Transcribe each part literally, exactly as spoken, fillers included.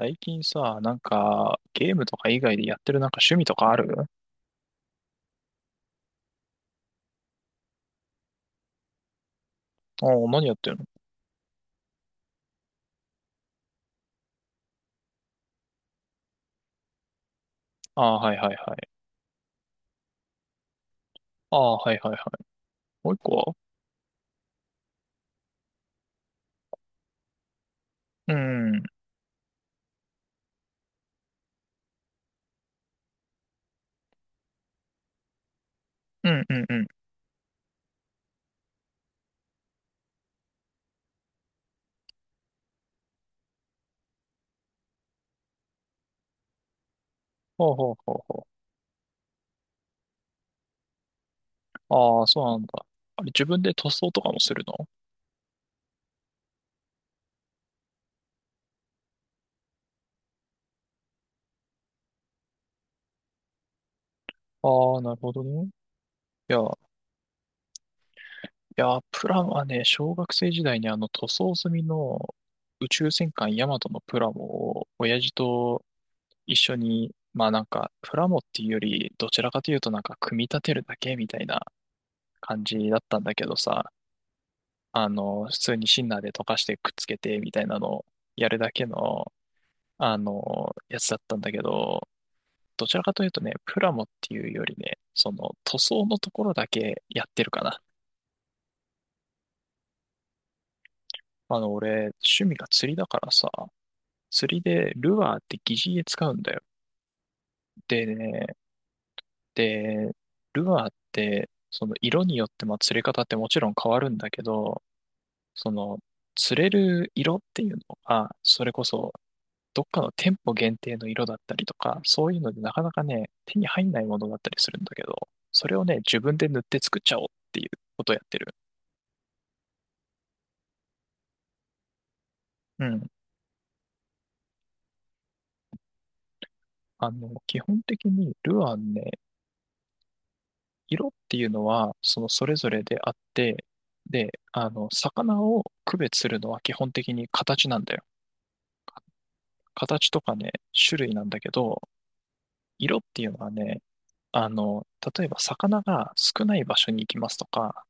最近さ、なんか、ゲームとか以外でやってるなんか趣味とかある？ああー、何やってるの？ああー、はいはいはい。ああ、はいはいはい。もう一個は？うん、うん、うん、うん。ほうほうほうほう。ああ、そうなんだ。あれ、自分で塗装とかもするの？ああー、なるほどね。いや、いや、プラはね、小学生時代にあの塗装済みの宇宙戦艦ヤマトのプラモを、親父と一緒に、まあなんか、プラモっていうより、どちらかというとなんか、組み立てるだけみたいな感じだったんだけどさ、あの、普通にシンナーで溶かしてくっつけてみたいなのをやるだけの、あの、やつだったんだけど、どちらかというとね、プラモっていうよりね、その塗装のところだけやってるかな。あの、俺、趣味が釣りだからさ、釣りでルアーって擬似餌使うんだよ。でね、で、ルアーって、その色によってまあ釣れ方ってもちろん変わるんだけど、その釣れる色っていうのが、それこそどっかの店舗限定の色だったりとか、そういうのでなかなかね、手に入んないものだったりするんだけど、それをね、自分で塗って作っちゃおうっていうことをやってる。うん。あの、基本的にルアンね、色っていうのは、そのそれぞれであって、で、あの、魚を区別するのは基本的に形なんだよ。形とかね、種類なんだけど、色っていうのはね、あの、例えば魚が少ない場所に行きますとか、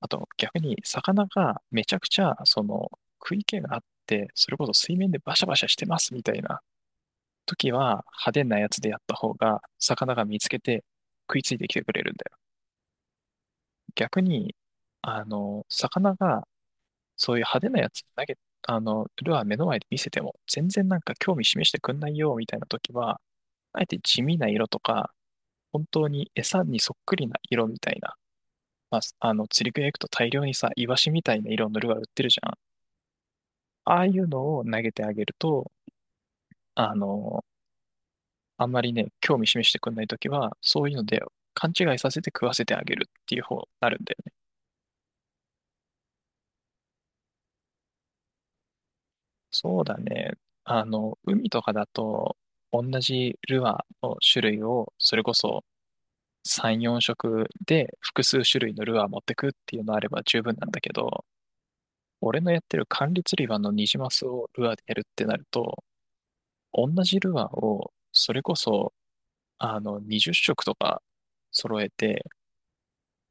あと逆に魚がめちゃくちゃその食い気があって、それこそ水面でバシャバシャしてますみたいな時は派手なやつでやった方が魚が見つけて食いついてきてくれるんだよ。逆に、あの、魚がそういう派手なやつ投げ、あの、ルアー目の前で見せても全然なんか興味示してくんないよみたいな時は、あえて地味な色とか、本当に餌にそっくりな色みたいな、まあ、あの釣り具屋行くと大量にさ、イワシみたいな色のルアー売ってるじゃん。ああいうのを投げてあげると、あの、あんまりね、興味示してくれないときは、そういうので勘違いさせて食わせてあげるっていう方になるんだよね。そうだね。あの、海とかだと、同じルアーの種類を、それこそさん、よん色で複数種類のルアー持ってくっていうのあれば十分なんだけど、俺のやってる管理釣り場のニジマスをルアーでやるってなると、同じルアーを、それこそ、あの、にじゅう色とか揃えて、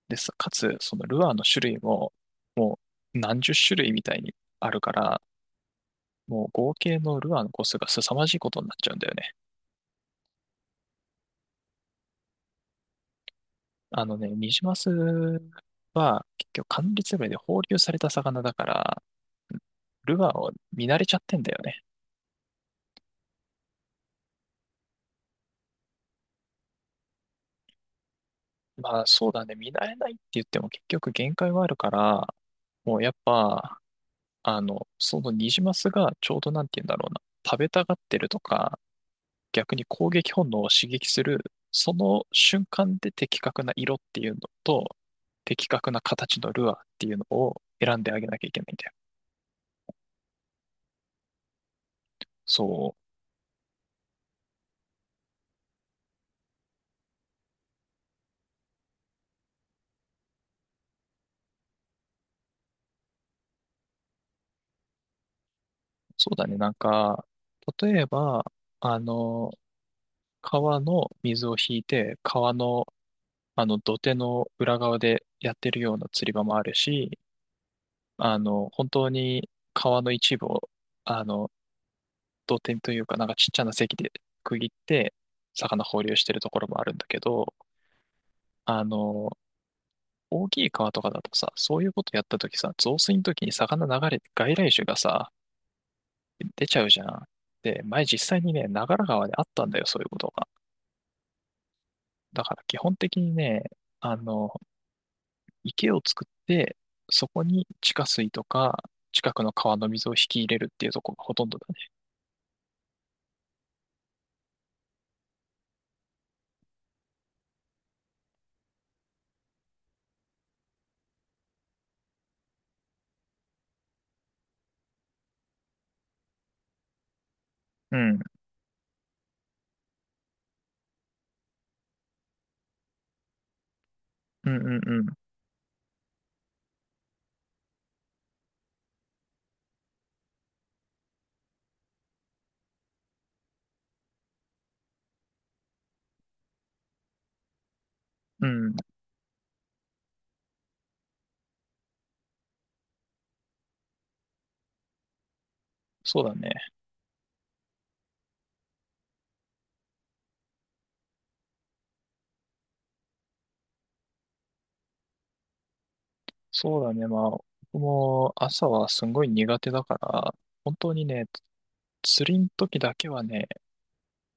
でさ、かつ、そのルアーの種類も、もう何十種類みたいにあるから、もう合計のルアーの個数が凄まじいことになっちゃうんだよね。あのね、ニジマスは結局管理詰めで放流された魚だから、ルアーを見慣れちゃってんだよね。まあそうだね、見慣れないって言っても結局限界はあるから、もうやっぱ、あの、そのニジマスがちょうどなんて言うんだろうな、食べたがってるとか、逆に攻撃本能を刺激する、その瞬間で的確な色っていうのと、的確な形のルアーっていうのを選んであげなきゃいけないんだよ。そう、そうだね。なんか、例えば、あの、川の水を引いて、川の、あの、土手の裏側でやってるような釣り場もあるし、あの、本当に川の一部を、あの、土手というか、なんかちっちゃな堰で区切って、魚放流してるところもあるんだけど、あの、大きい川とかだとさ、そういうことやったときさ、増水のときに魚流れて外来種がさ、出ちゃうじゃん。で、前実際にね、長良川であったんだよ、そういうことが。だから基本的にね、あの、池を作って、そこに地下水とか、近くの川の水を引き入れるっていうところがほとんどだね。うん、うん、うん、うん。うん、そうだね。そうだね。まあ、僕も朝はすんごい苦手だから、本当にね、釣りの時だけはね、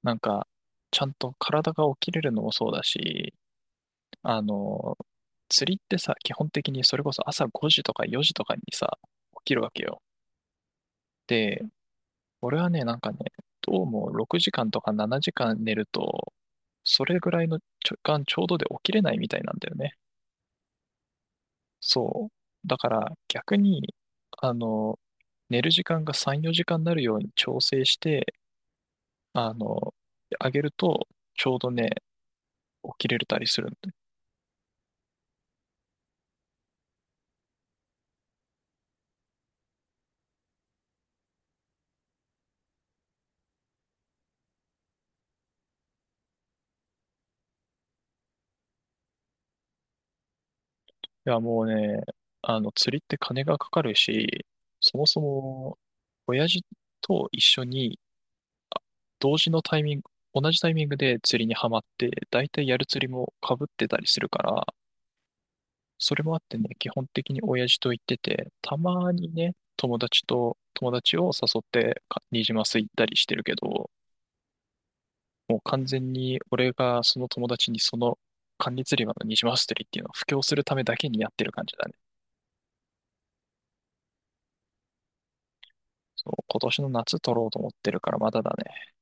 なんか、ちゃんと体が起きれるのもそうだし、あの、釣りってさ、基本的にそれこそ朝ごじとかよじとかにさ、起きるわけよ。で、俺はね、なんかね、どうもろくじかんとかしちじかん寝ると、それぐらいの時間ちょうどで起きれないみたいなんだよね。そう。だから逆に、あの、寝る時間がさん、よじかんになるように調整して、あの、あげると、ちょうどね、起きれたりする。いや、もうね、あの、釣りって金がかかるし、そもそも、親父と一緒に、同時のタイミング、同じタイミングで釣りにはまって、大体やる釣りも被ってたりするから、それもあってね、基本的に親父と行ってて、たまにね、友達と、友達を誘ってか、ニジマス行ったりしてるけど、もう完全に俺がその友達にその、管理釣り場のニジマス釣りっていうのを布教するためだけにやってる感じだね。そう、今年の夏取ろうと思ってるからまだだね。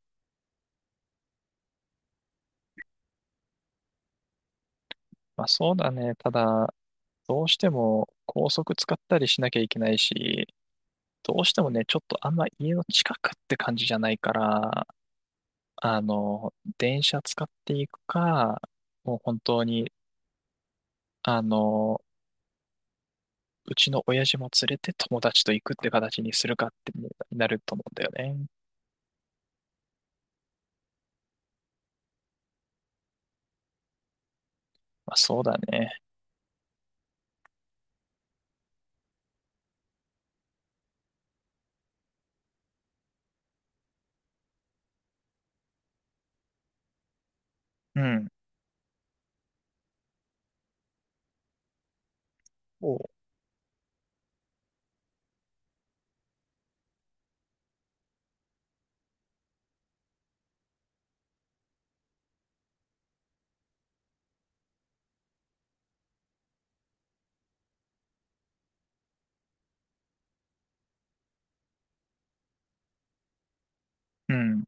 まあそうだね。ただ、どうしても高速使ったりしなきゃいけないし、どうしてもね、ちょっとあんま家の近くって感じじゃないから、あの、電車使っていくか、もう本当に、あの、うちの親父も連れて友達と行くって形にするかってなると思うんだよね。まあそうだね。うん。おううん。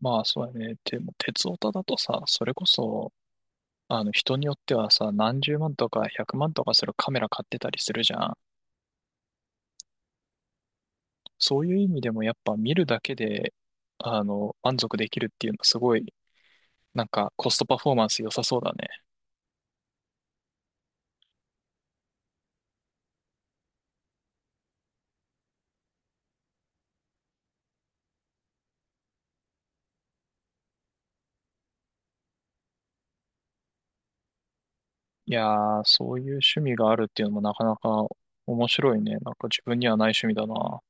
まあそうだね。でも、鉄オタだとさ、それこそ、あの人によってはさ、何十万とか百万とかするカメラ買ってたりするじゃん。そういう意味でもやっぱ見るだけで、あの、満足できるっていうのすごい、なんかコストパフォーマンス良さそうだね。いやー、そういう趣味があるっていうのもなかなか面白いね。なんか自分にはない趣味だな。ま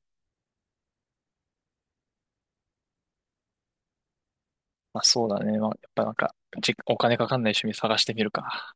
あそうだね。まあ、やっぱなんか、じ、お金かかんない趣味探してみるか。